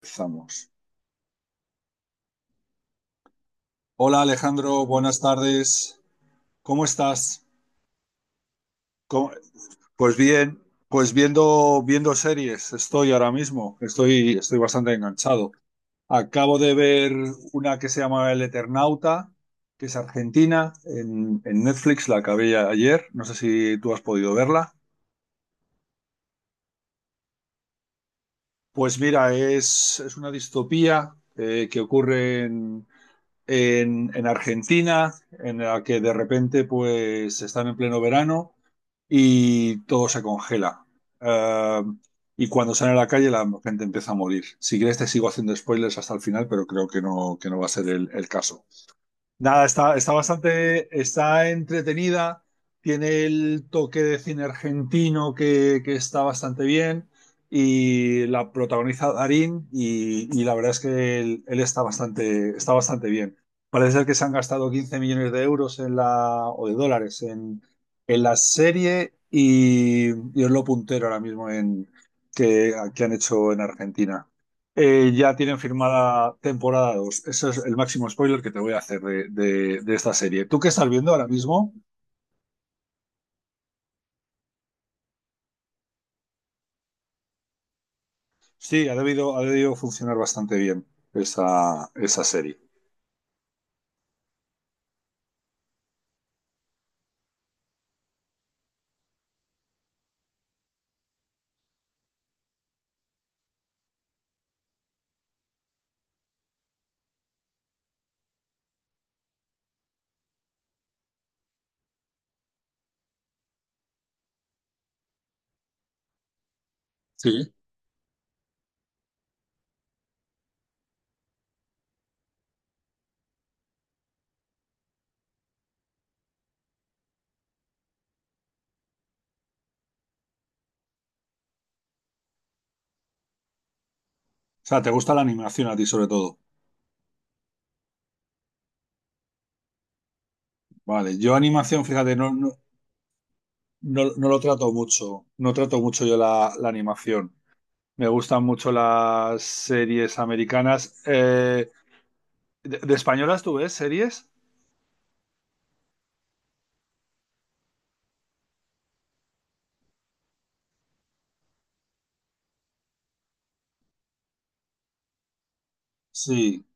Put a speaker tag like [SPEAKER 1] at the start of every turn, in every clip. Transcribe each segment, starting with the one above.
[SPEAKER 1] Empezamos. Hola Alejandro, buenas tardes. ¿Cómo estás? ¿Cómo- Pues bien, pues viendo series estoy ahora mismo. Estoy bastante enganchado. Acabo de ver una que se llama El Eternauta, que es argentina, en Netflix, la acabé ya ayer. No sé si tú has podido verla. Pues mira, es una distopía que ocurre en Argentina, en la que de repente pues están en pleno verano y todo se congela. Eh, y cuando salen a la calle la gente empieza a morir. Si quieres te sigo haciendo spoilers hasta el final, pero creo que no va a ser el caso. Nada, está entretenida, tiene el toque de cine argentino que está bastante bien y la protagoniza Darín y la verdad es que él está bastante bien. Parece ser que se han gastado 15 millones de euros en la, o de dólares en la serie y es lo puntero ahora mismo que han hecho en Argentina. Ya tienen firmada temporada 2. Ese es el máximo spoiler que te voy a hacer de esta serie. ¿Tú qué estás viendo ahora mismo? Sí, ha debido funcionar bastante bien esa serie. Sí. O sea, ¿te gusta la animación a ti sobre todo? Vale, yo animación, fíjate, no lo trato mucho. No trato mucho yo la animación. Me gustan mucho las series americanas. De españolas tú ves series? Sí.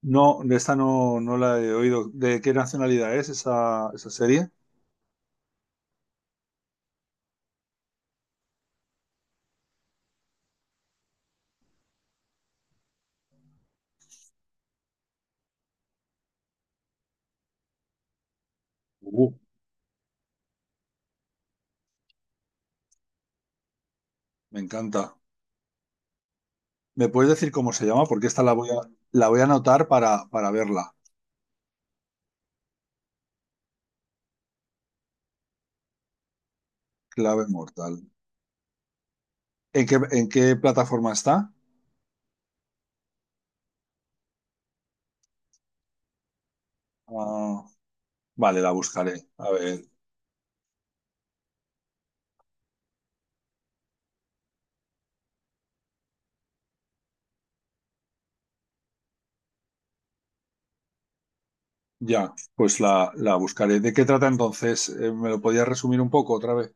[SPEAKER 1] No, de esta no, no la he oído. ¿De qué nacionalidad es esa serie? Uh, Me encanta. ¿Me puedes decir cómo se llama? Porque esta la voy a anotar para verla. Clave Mortal. ¿En qué plataforma está? Ah, vale, la buscaré. A ver, ya, pues la buscaré. ¿De qué trata entonces? ¿Me lo podías resumir un poco otra vez?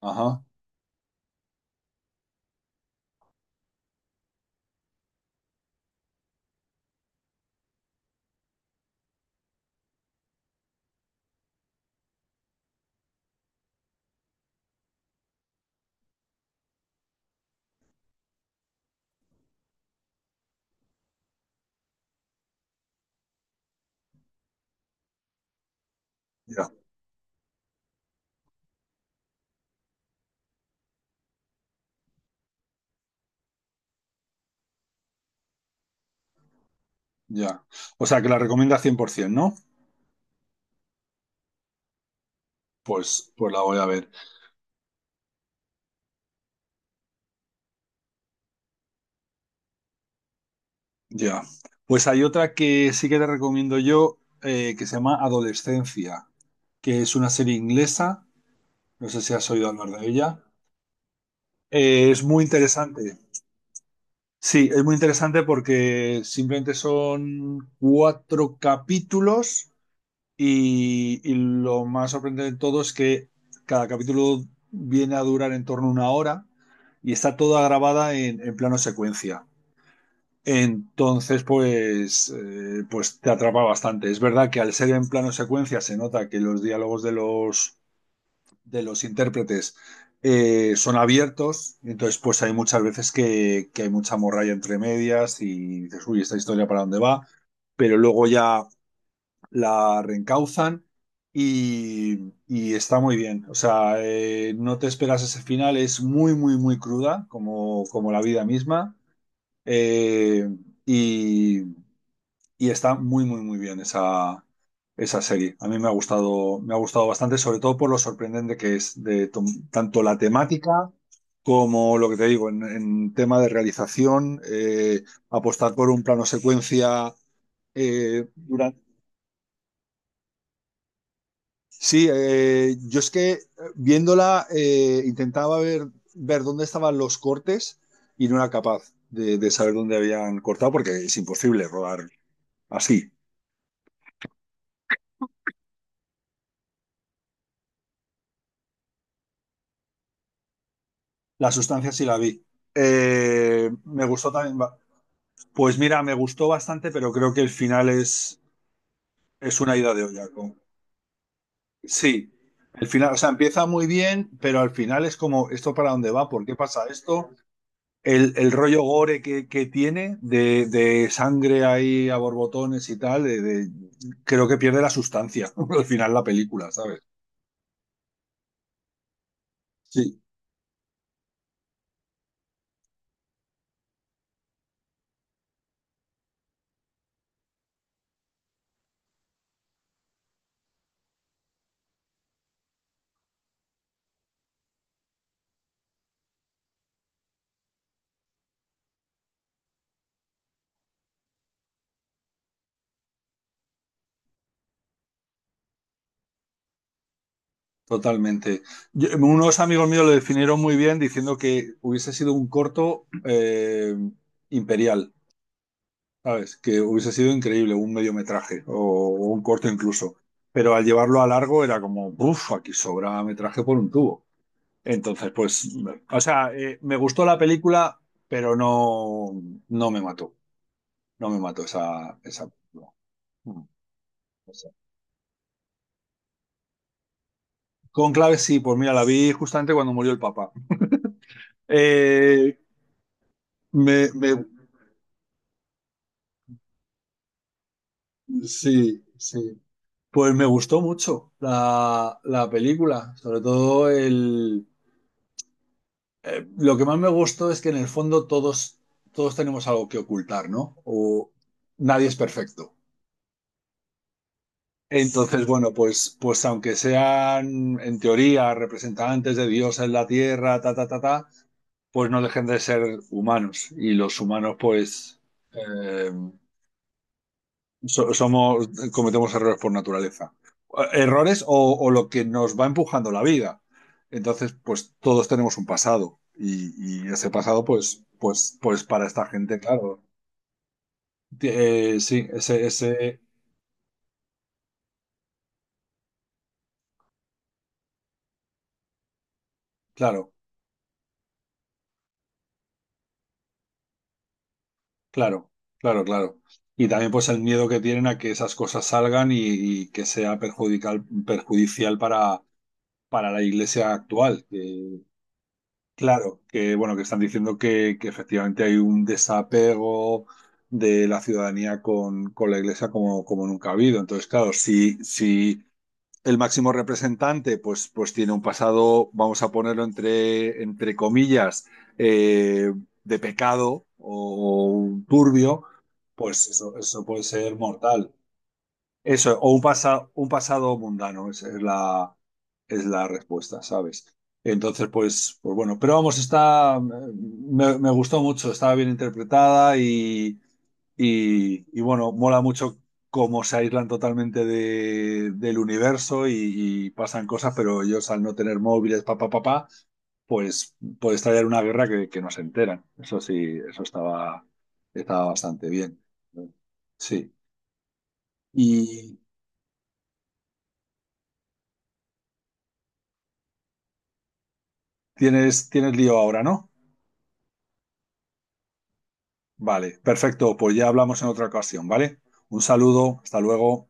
[SPEAKER 1] Ajá, ya, ya. O sea, que la recomienda 100%, ¿no? Pues la voy a ver. Ya. Pues hay otra que sí que te recomiendo yo, que se llama Adolescencia, que es una serie inglesa. No sé si has oído hablar de ella. Es muy interesante. Sí, es muy interesante porque simplemente son cuatro capítulos y lo más sorprendente de todo es que cada capítulo viene a durar en torno a una hora y está toda grabada en plano secuencia. Entonces, pues te atrapa bastante. Es verdad que al ser en plano secuencia se nota que los diálogos de los intérpretes son abiertos. Entonces pues hay muchas veces que hay mucha morralla entre medias y dices, uy, esta historia para dónde va, pero luego ya la reencauzan y está muy bien. O sea, no te esperas ese final, es muy, muy, muy cruda, como, como la vida misma. Eh, y, y está muy, muy, muy bien esa serie. A mí me ha gustado bastante, sobre todo por lo sorprendente que es tanto la temática como lo que te digo, en tema de realización, apostar por un plano secuencia durante... Sí, yo es que viéndola intentaba ver dónde estaban los cortes y no era capaz de saber dónde habían cortado porque es imposible rodar así. La sustancia sí la vi. Me gustó también. Pues mira, me gustó bastante, pero creo que el final es una ida de olla. Sí, el final, o sea, empieza muy bien, pero al final es como, ¿esto para dónde va? ¿Por qué pasa esto? El rollo gore que tiene de sangre ahí a borbotones y tal, creo que pierde la sustancia al final la película, ¿sabes? Sí, totalmente. Unos amigos míos lo definieron muy bien diciendo que hubiese sido un corto imperial, ¿sabes? Que hubiese sido increíble, un mediometraje o un corto incluso. Pero al llevarlo a largo era como, uff, aquí sobra metraje por un tubo. Entonces, pues, o sea, me gustó la película, pero no, no me mató. No me mató esa película. Mm, o sea. Cónclave sí, pues mira, la vi justamente cuando murió el Papa. Eh, me, me Sí, sí. Pues me gustó mucho la película, sobre todo el... lo que más me gustó es que en el fondo todos tenemos algo que ocultar, ¿no? O nadie es perfecto. Entonces, bueno, pues aunque sean en teoría representantes de Dios en la tierra, ta, ta, ta, ta, pues no dejen de ser humanos. Y los humanos, eh, somos, cometemos errores por naturaleza. Errores o lo que nos va empujando la vida. Entonces, pues todos tenemos un pasado. Y ese pasado, pues para esta gente, claro. Sí, claro, claro, claro, claro. Y también, pues, el miedo que tienen a que esas cosas salgan y que sea perjudicial para la iglesia actual. Que Claro, que bueno, que están diciendo que efectivamente hay un desapego de la ciudadanía con la iglesia como, como nunca ha habido. Entonces, claro, si el máximo representante pues tiene un pasado, vamos a ponerlo entre comillas, eh, de pecado o, turbio, pues eso puede ser mortal. Eso, o un pasado mundano, esa es es la respuesta, ¿sabes? Entonces, pues bueno, pero vamos, me gustó mucho, estaba bien interpretada y bueno, mola mucho cómo se aíslan totalmente del universo y pasan cosas, pero ellos al no tener móviles, papá papá, pa, pa, pa, pues puede estallar una guerra que no se enteran. Eso sí, estaba bastante bien. Sí. Y, tienes lío ahora, ¿no? Vale, perfecto, pues ya hablamos en otra ocasión, ¿vale? Un saludo, hasta luego.